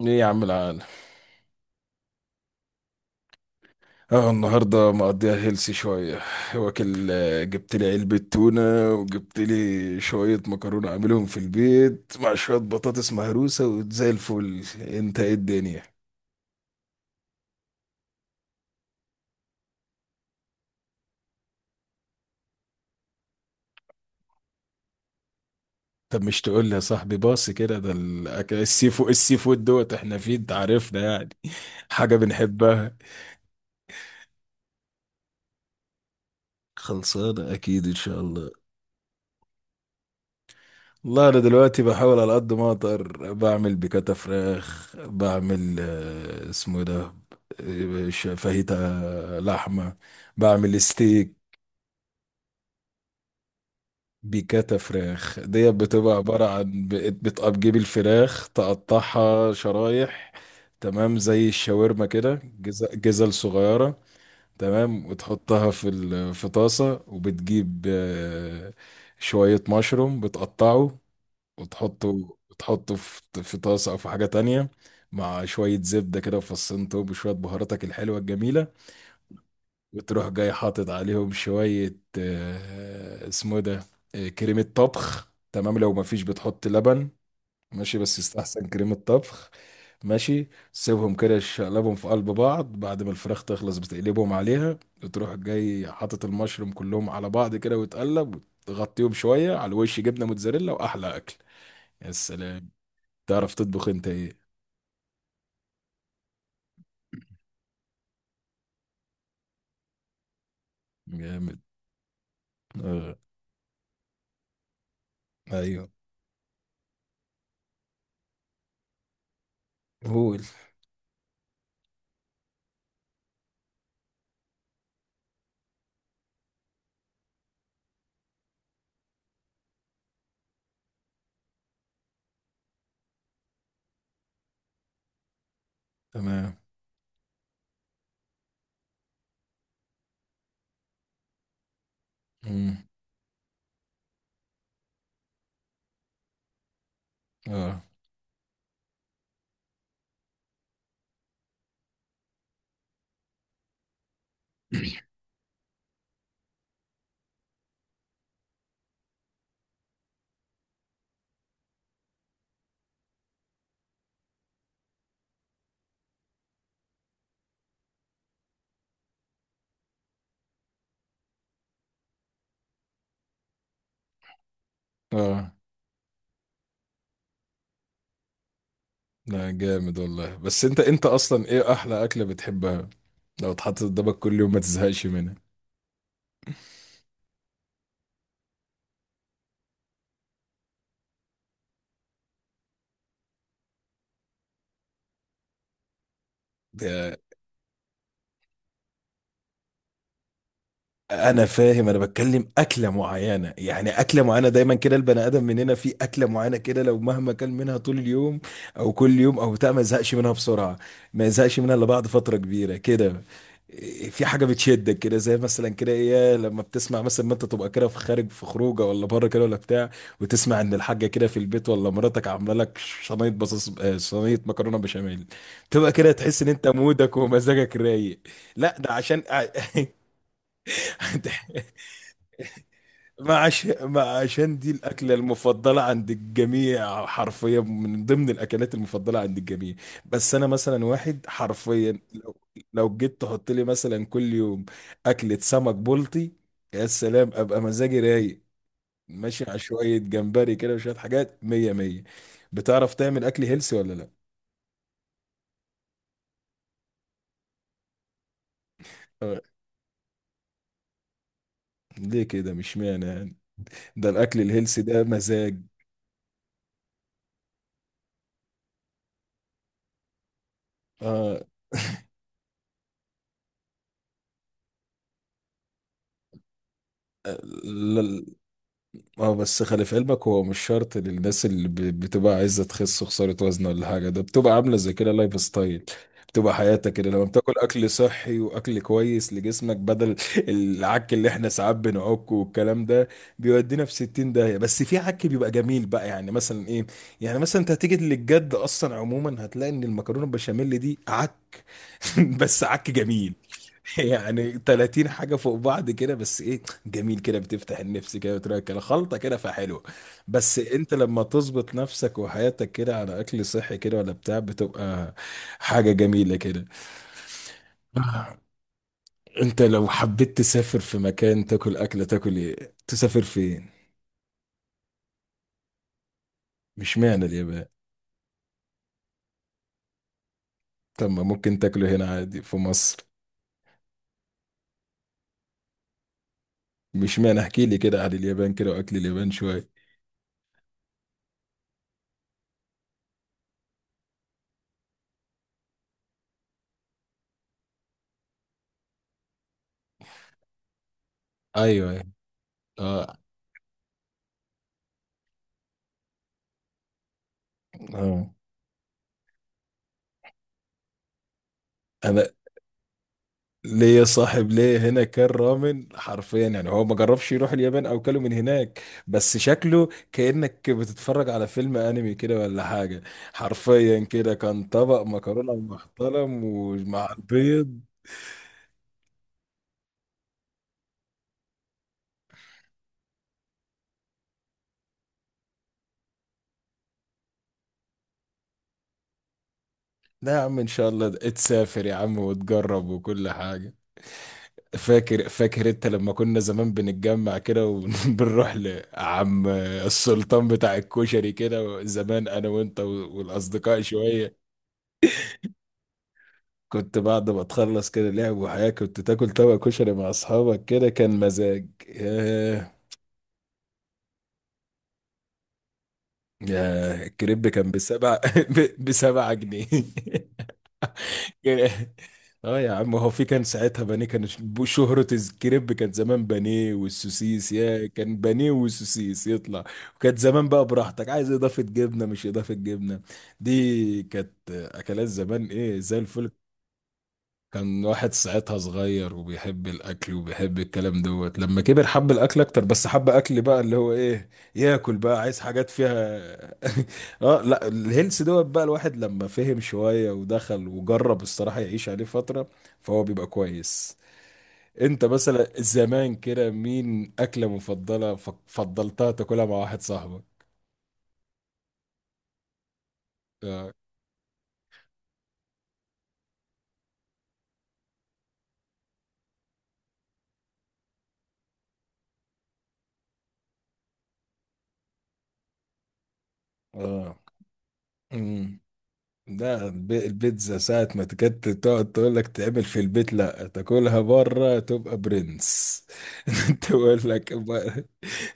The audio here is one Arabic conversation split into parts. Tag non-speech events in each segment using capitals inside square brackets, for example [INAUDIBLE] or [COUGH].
ايه يا عم العال. اه، النهارده مقضيها هيلسي شويه واكل، جبت لي علبه تونه وجبت لي شويه مكرونه اعملهم في البيت مع شويه بطاطس مهروسه وزي الفل. انت ايه الدنيا؟ طب مش تقول لي يا صاحبي؟ باص كده، ده الأكل السي فود، السي فود دوت احنا فيه انت عارفنا يعني. [LAUGHS] حاجة بنحبها. خلصانه اكيد ان شاء الله. والله انا دلوقتي بحاول على قد ما اقدر، بعمل بيكاتا فراخ، بعمل اسمه ده، فاهيتا، لحمة، بعمل ستيك. بيكاتا فراخ ديت بتبقى عبارة عن بتجيب الفراخ تقطعها شرايح، تمام، زي الشاورما كده جزل صغيرة، تمام، وتحطها في طاسة، وبتجيب شوية مشروم بتقطعه، وتحطه تحطه في في طاسة أو في حاجة تانية، مع شوية زبدة كده وفصين توب وشوية بهاراتك الحلوة الجميلة. وتروح جاي حاطط عليهم شوية اسمه إيه ده، كريمة طبخ. تمام، لو مفيش بتحط لبن، ماشي، بس يستحسن كريمة طبخ. ماشي، سيبهم كده شقلبهم في قلب بعض، بعد ما الفراخ تخلص بتقلبهم عليها. وتروح جاي حاطط المشروم كلهم على بعض كده وتقلب، وتغطيهم شوية على الوش جبنة موتزاريلا، وأحلى أكل. يا سلام. تعرف تطبخ أنت إيه؟ جامد. آه. أيوه. قول. تمام. مم. آه. [COUGHS] آه. لا جامد والله، بس انت اصلا ايه احلى اكله بتحبها، لو اتحطت قدامك كل يوم ما تزهقش منها؟ انا فاهم، انا بتكلم اكله معينه يعني، اكله معينه دايما كده البني ادم مننا في اكله معينه كده لو مهما كان منها طول اليوم، او كل يوم او بتاع ما يزهقش منها بسرعه، ما يزهقش منها الا بعد فتره كبيره كده. في حاجه بتشدك كده زي مثلا كده ايه، لما بتسمع مثلا ما انت تبقى كده في خارج، في خروجه ولا بره كده ولا بتاع، وتسمع ان الحاجه كده في البيت ولا مراتك عامله لك صينيه بطاطس، صينيه مكرونه بشاميل، تبقى كده تحس ان انت مودك ومزاجك رايق. لا، ده عشان [LAUGHS] ما عشان دي الأكلة المفضلة عند الجميع، حرفيا من ضمن الأكلات المفضلة عند الجميع. بس أنا مثلا واحد، حرفيا لو, لو جيت تحط لي مثلا كل يوم أكلة سمك بلطي، يا سلام، أبقى مزاجي رايق، ماشي على شوية جمبري كده وشوية حاجات مية مية. بتعرف تعمل أكل هيلسي ولا لأ؟ آه. ليه كده؟ مش معنى يعني، ده الأكل الهيلسي ده مزاج. آه. اه بس خلي في علمك، هو مش شرط للناس اللي بتبقى عايزه تخس وخساره وزن ولا حاجه، ده بتبقى عامله زي كده لايف ستايل، بتبقى حياتك كده لما بتاكل اكل صحي واكل كويس لجسمك بدل العك اللي احنا ساعات بنعكه والكلام ده بيودينا في 60 داهيه. بس في عك بيبقى جميل بقى، يعني مثلا ايه، يعني مثلا انت هتيجي للجد اصلا، عموما هتلاقي ان المكرونه البشاميل دي [LAUGHS] بس عك جميل، يعني 30 حاجة فوق بعض كده، بس ايه جميل كده بتفتح النفس كده بتراك كده خلطة كده فحلوة. بس انت لما تظبط نفسك وحياتك كده على اكل صحي كده ولا بتاع بتبقى حاجة جميلة كده. آه، انت لو حبيت تسافر في مكان تاكل اكلة، تاكل ايه؟ تسافر فين؟ مش معنى اليابان. طب ما ممكن تاكله هنا عادي في مصر. مش معنى، احكي لي كده عن اليابان كده واكل اليابان شوية. ايوه ايوه. اه. اه. انا ليه يا صاحب، ليه هنا كان رامن حرفيا يعني، هو ما جربش يروح اليابان او كله من هناك، بس شكله كأنك بتتفرج على فيلم انمي كده ولا حاجة، حرفيا كده كان طبق مكرونة محترم ومع البيض. لا يا عم، ان شاء الله تسافر يا عم وتجرب وكل حاجة. فاكر، فاكر انت لما كنا زمان بنتجمع كده وبنروح [LAUGHS] لعم السلطان بتاع الكشري كده زمان، انا وانت والاصدقاء شوية، كنت بعد ما تخلص كده لعب وحياة كنت تاكل طبق كشري مع أصحابك كده، كان مزاج ياه. ياه الكريب كان بسبعة، [LAUGHS] بسبعة جنيه. [LAUGHS] كان-، اه يا عم، هو في كان ساعتها بانيه، شهرة الكريب كان زمان بانيه والسوسيس، يا كان بانيه والسوسيس يطلع. وكانت زمان بقى براحتك عايز اضافة جبنة مش اضافة جبنة، دي كانت اكلات زمان ايه زي الفل. كان واحد ساعتها صغير وبيحب الاكل وبيحب الكلام دوت، لما كبر حب الاكل اكتر بس حب اكل بقى اللي هو ايه، ياكل بقى عايز حاجات فيها. [LAUGHS] اه لا الهيلث دوت، بقى الواحد لما فهم شوية ودخل وجرب، الصراحة يعيش عليه فترة فهو بيبقى كويس. انت مثلا زمان كده مين اكلة مفضلة فضلتها تاكلها مع واحد صاحبك؟ اه. اه. ده البيتزا ساعة ما تكت تقعد تقول لك تعمل في البيت لا، تاكلها بره تبقى برنس. [LAUGHS] تقول لك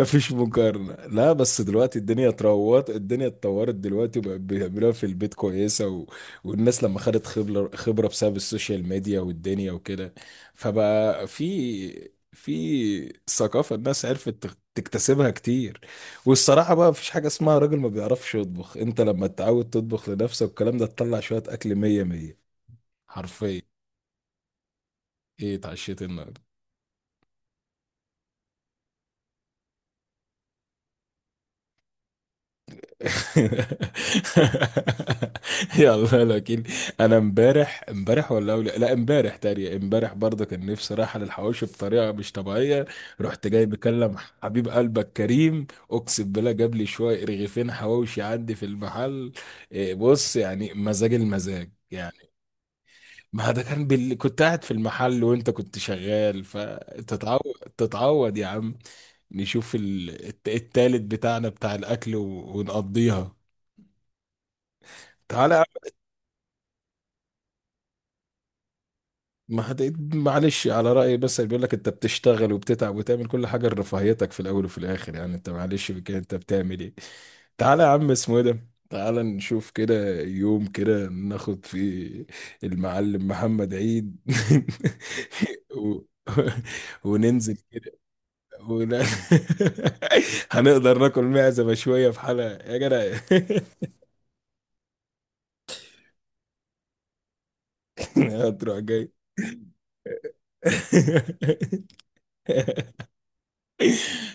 مفيش مقارنة. لا بس دلوقتي الدنيا اتروت، الدنيا اتطورت دلوقتي وبقت بيعملوها في البيت كويسة والناس لما خدت خبرة، خبرة بسبب السوشيال ميديا والدنيا وكده، فبقى في ثقافة الناس عرفت تكتسبها كتير. والصراحة بقى مفيش حاجة اسمها راجل ما بيعرفش يطبخ، انت لما تتعود تطبخ لنفسك والكلام ده تطلع شوية أكل مية مية حرفيا. ايه اتعشيت النهاردة؟ [LAUGHS] يلا لكن. انا امبارح، لا، امبارح، تاني امبارح برضه كان نفسي رايحه للحواوشي بطريقه مش طبيعيه. رحت جاي بكلم حبيب قلبك كريم، اقسم بالله جاب لي شويه رغيفين حواوشي عندي في المحل. بص يعني مزاج المزاج يعني. ما ده كان كنت قاعد في المحل وانت كنت شغال، فتتعود تتعود يا عم. نشوف التالت بتاعنا بتاع الاكل ونقضيها. تعالى. ما هت... معلش على رأيي، بس بيقول لك انت بتشتغل وبتتعب وتعمل كل حاجة لرفاهيتك، في الأول وفي الآخر يعني انت معلش كده، انت بتعمل ايه. تعالى يا عم، اسمه ايه ده، تعالى نشوف كده يوم كده ناخد فيه المعلم محمد عيد. [LAUGHS] و... [LAUGHS] وننزل كده. ون... [LAUGHS] هنقدر ناكل معزة شوية في حلقة يا جدع. [LAUGHS] هتروح جاي. [LAUGHS]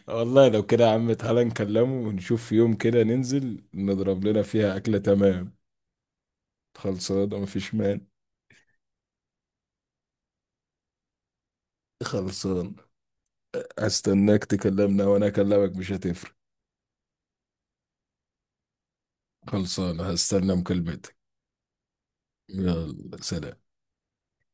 والله لو كده يا عم تعالى نكلمه ونشوف يوم كده ننزل نضرب لنا فيها أكلة تمام. خلصان ومفيش مان. خلصان، هستناك تكلمنا وأنا أكلمك مش هتفرق. خلصان هستنى مكالمتك. يلا سلام.